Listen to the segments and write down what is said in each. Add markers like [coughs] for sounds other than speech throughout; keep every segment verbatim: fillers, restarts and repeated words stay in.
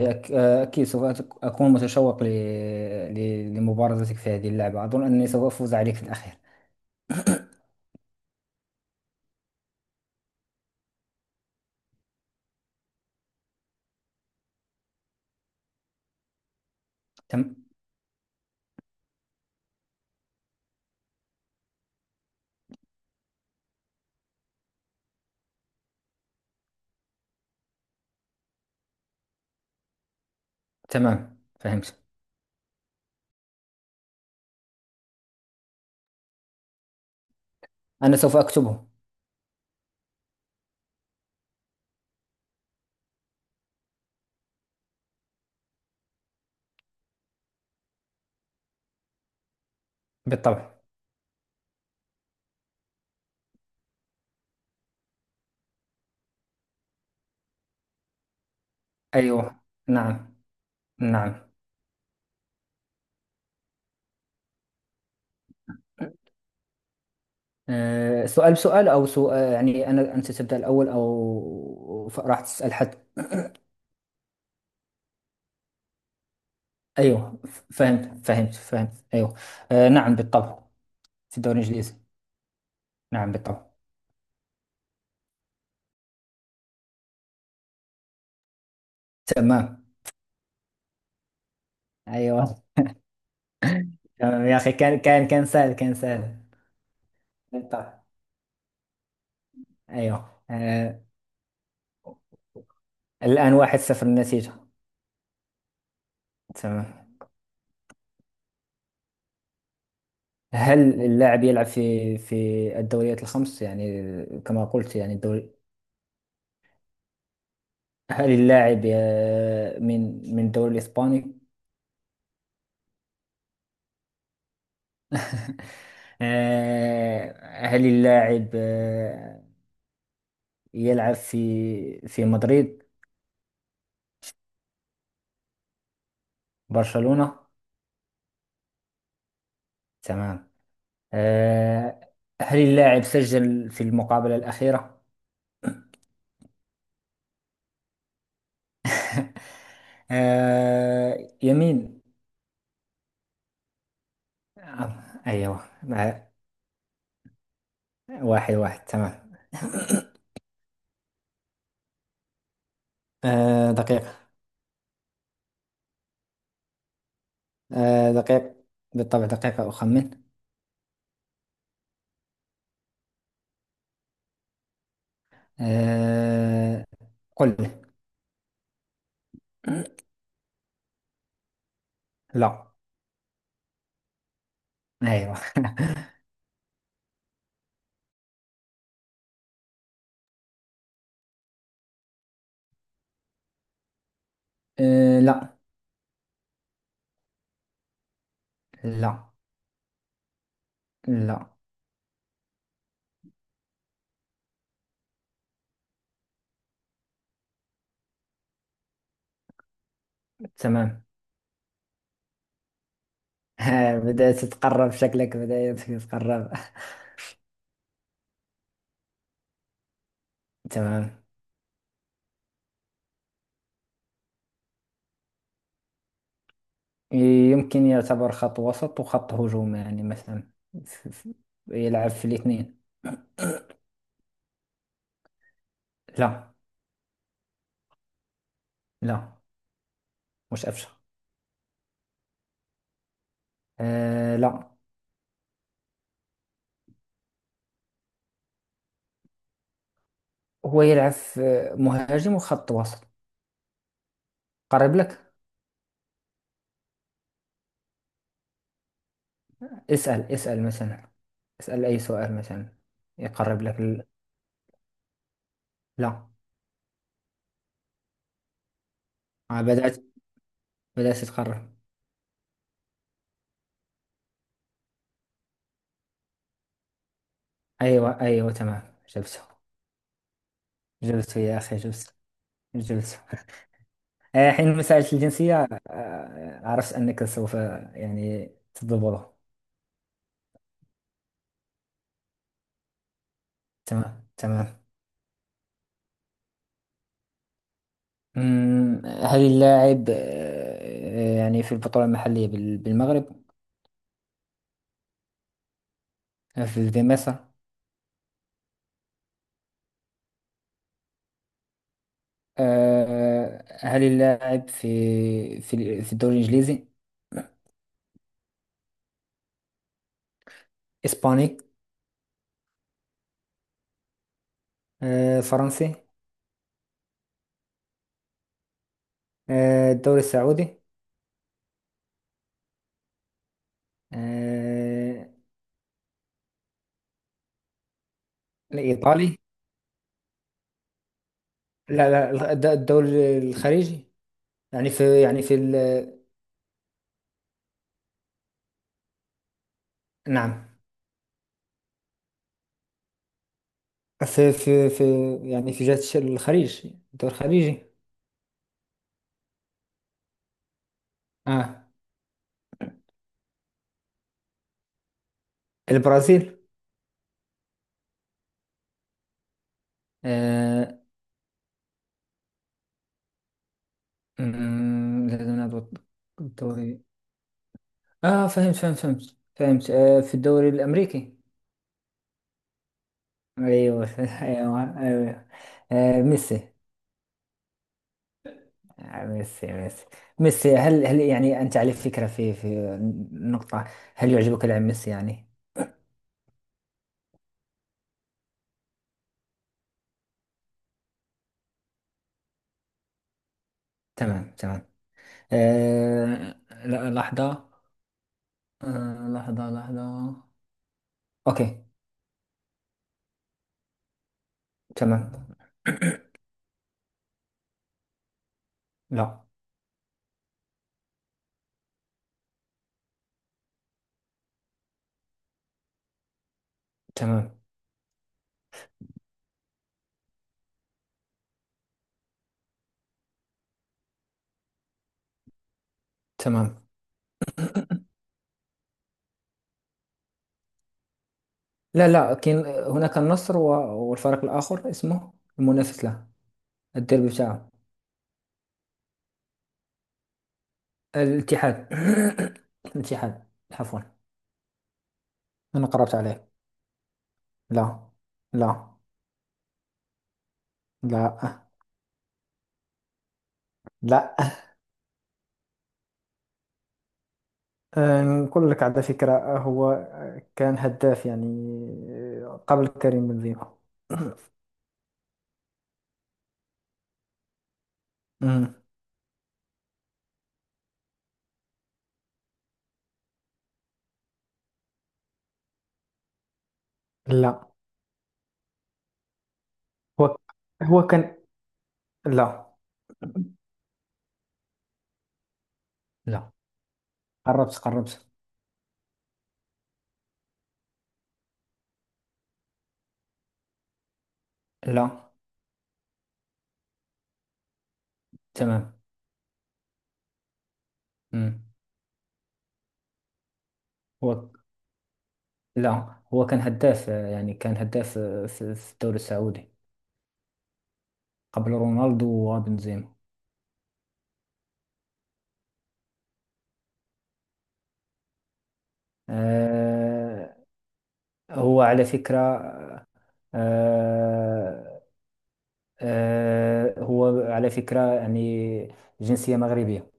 هي أك- أكيد سوف أت- أكون متشوق ل- ل- لمبارزتك في هذه اللعبة. أظن أني سوف أفوز عليك في الأخير. تم تمام، فهمت. أنا سوف أكتبه. بالطبع. أيوه. نعم. نعم. أه، سؤال بسؤال أو سؤال، يعني أنا أنت تبدأ الأول أو ف- راح تسأل حد؟ أيوه، ف- فهمت فهمت فهمت، أيوه. أه، نعم، بالطبع. في الدوري الإنجليزي. نعم، بالطبع. تمام. أيوه. تمام يا أخي، كان كان كان سهل، كان سهل. بالطبع. ايوه. أه الآن واحد صفر النتيجة. تمام، هل اللاعب يلعب في في الدوريات الخمس، يعني كما قلت، يعني الدوري؟ هل اللاعب آه، من من الدوري الإسباني؟ [laughs] آه، هل اللاعب آه، يلعب في في مدريد؟ برشلونة؟ تمام. آه، هل اللاعب سجل في المقابلة الأخيرة؟ [laughs] آه، يمين. آه، أيوه، مع- واحد واحد. تمام. آه دقيقة. آه دقيقة، بالطبع دقيقة أخمن. آه قل لي. [clears throat] لا. أيوة. [laughs] آه لا. لا، لا. تمام. [laughs] آه بدأت تتقرب، شكلك بدأت تتقرب. [laughs] تمام. يمكن يعتبر خط وسط وخط هجوم، يعني مثلا، ف- ف- يلعب في الاثنين. لا. لا، مش أفشخ. آه لا. هو يلعب في مهاجم وخط وسط. قريب لك. اسأل اسأل مثلا، اسأل أي سؤال مثلا. يقرب لك ال... لا. آه بدأت بدأت تقرب. أيوة، أيوة، تمام، جبته. جبته يا أخي، جبته، جبته. آه، حين مسألة الجنسية، آه، عرفت أنك سوف، يعني، تضبطه. تمام، تمام. أمم، هل اللاعب آه، يعني في البطولة المحلية بال- بالمغرب؟ آه، في في مصر؟ آه، هل اللاعب في في في الدوري الإنجليزي؟ إسباني؟ آه، فرنسي؟ آه، الدوري السعودي؟ آه، الإيطالي؟ لا، لا، الد- الدوري الخليجي، يعني في، يعني في ال- نعم في في في يعني في جهة الش- الخليج، الدوري الخليجي. اه. البرازيل. آه أمم، لازم نضبط الدوري. اه، فهمت فهمت فهمت فهمت، آه في الدوري الأمريكي. ايوه. [laughs] ايوه، ايوه. آه ميسي. ميسي، ميسي، ميسي. هل هل يعني أنت على فكرة في في نقطة. هل يعجبك لاعب ميسي يعني؟ تمام، تمام. أه لا، لحظة. أه لحظة، لحظة. أوكي. تمام. لا. تمام، تمام. لا، لا، كاين هناك النصر و- والفريق الآخر اسمه، المنافس له، الديربي بتاعه الاتحاد. [coughs] الاتحاد عفوا. أنا قربت عليه. لا. لا، لا، لا. آه، نقول لك على فكرة، آه، هو، آه، كان هداف يعني، آه، قبل كريم بنزيما. أمم، لا. هو هو كان. لا، لا. قربت، قربت. لا. تمام. أمم، هو. لا، هو كان هداف، آه، يعني كان هداف، آه، في في الدوري السعودي، قبل رونالدو وبنزيما. آه، هو على فكرة آه، آه، آه، هو على فكرة، يعني، جنسية مغربية.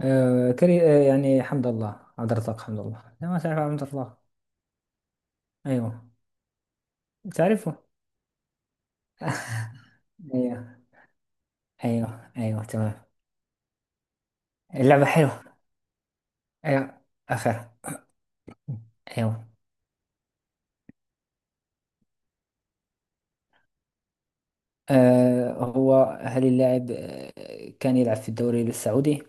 آه كري آه يعني، حمد الله. عبد الرزاق، حمد الله. لا، ما تعرف عبد الرزاق؟ ايوه. تعرفه. ايوه، ايوه، ايوه، تمام. اللعبة حلوة. ايوه. اخر. ايوه. آه هو هل اللاعب آه كان يلعب في الدوري السعودي؟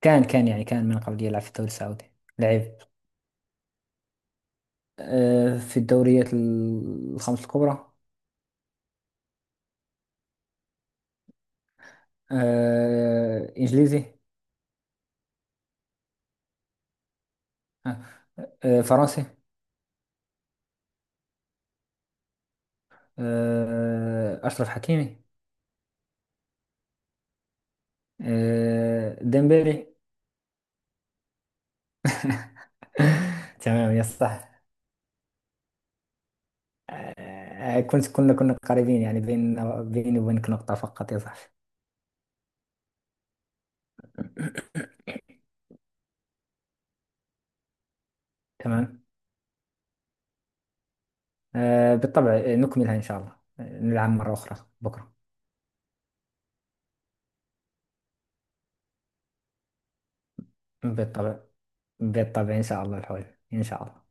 كان كان يعني كان من قبل يلعب في الدوري السعودي. لعب آه في الدوريات ال- الخمس الكبرى. آه انجليزي. آه آه، فرنسي. آه اشرف حكيمي. آه، ديمبلي. [laughs] تمام، يا صح. آه، آه، كنت كنا كنا قريبين، يعني بين بيني وبينك نقطة فقط، يا صح. تمام. آه، بالطبع، آه، نكملها إن شاء الله. آه، نلعب مرة أخرى بكرة. بالطبع. بالطبع إن شاء الله الحول. إن شاء الله.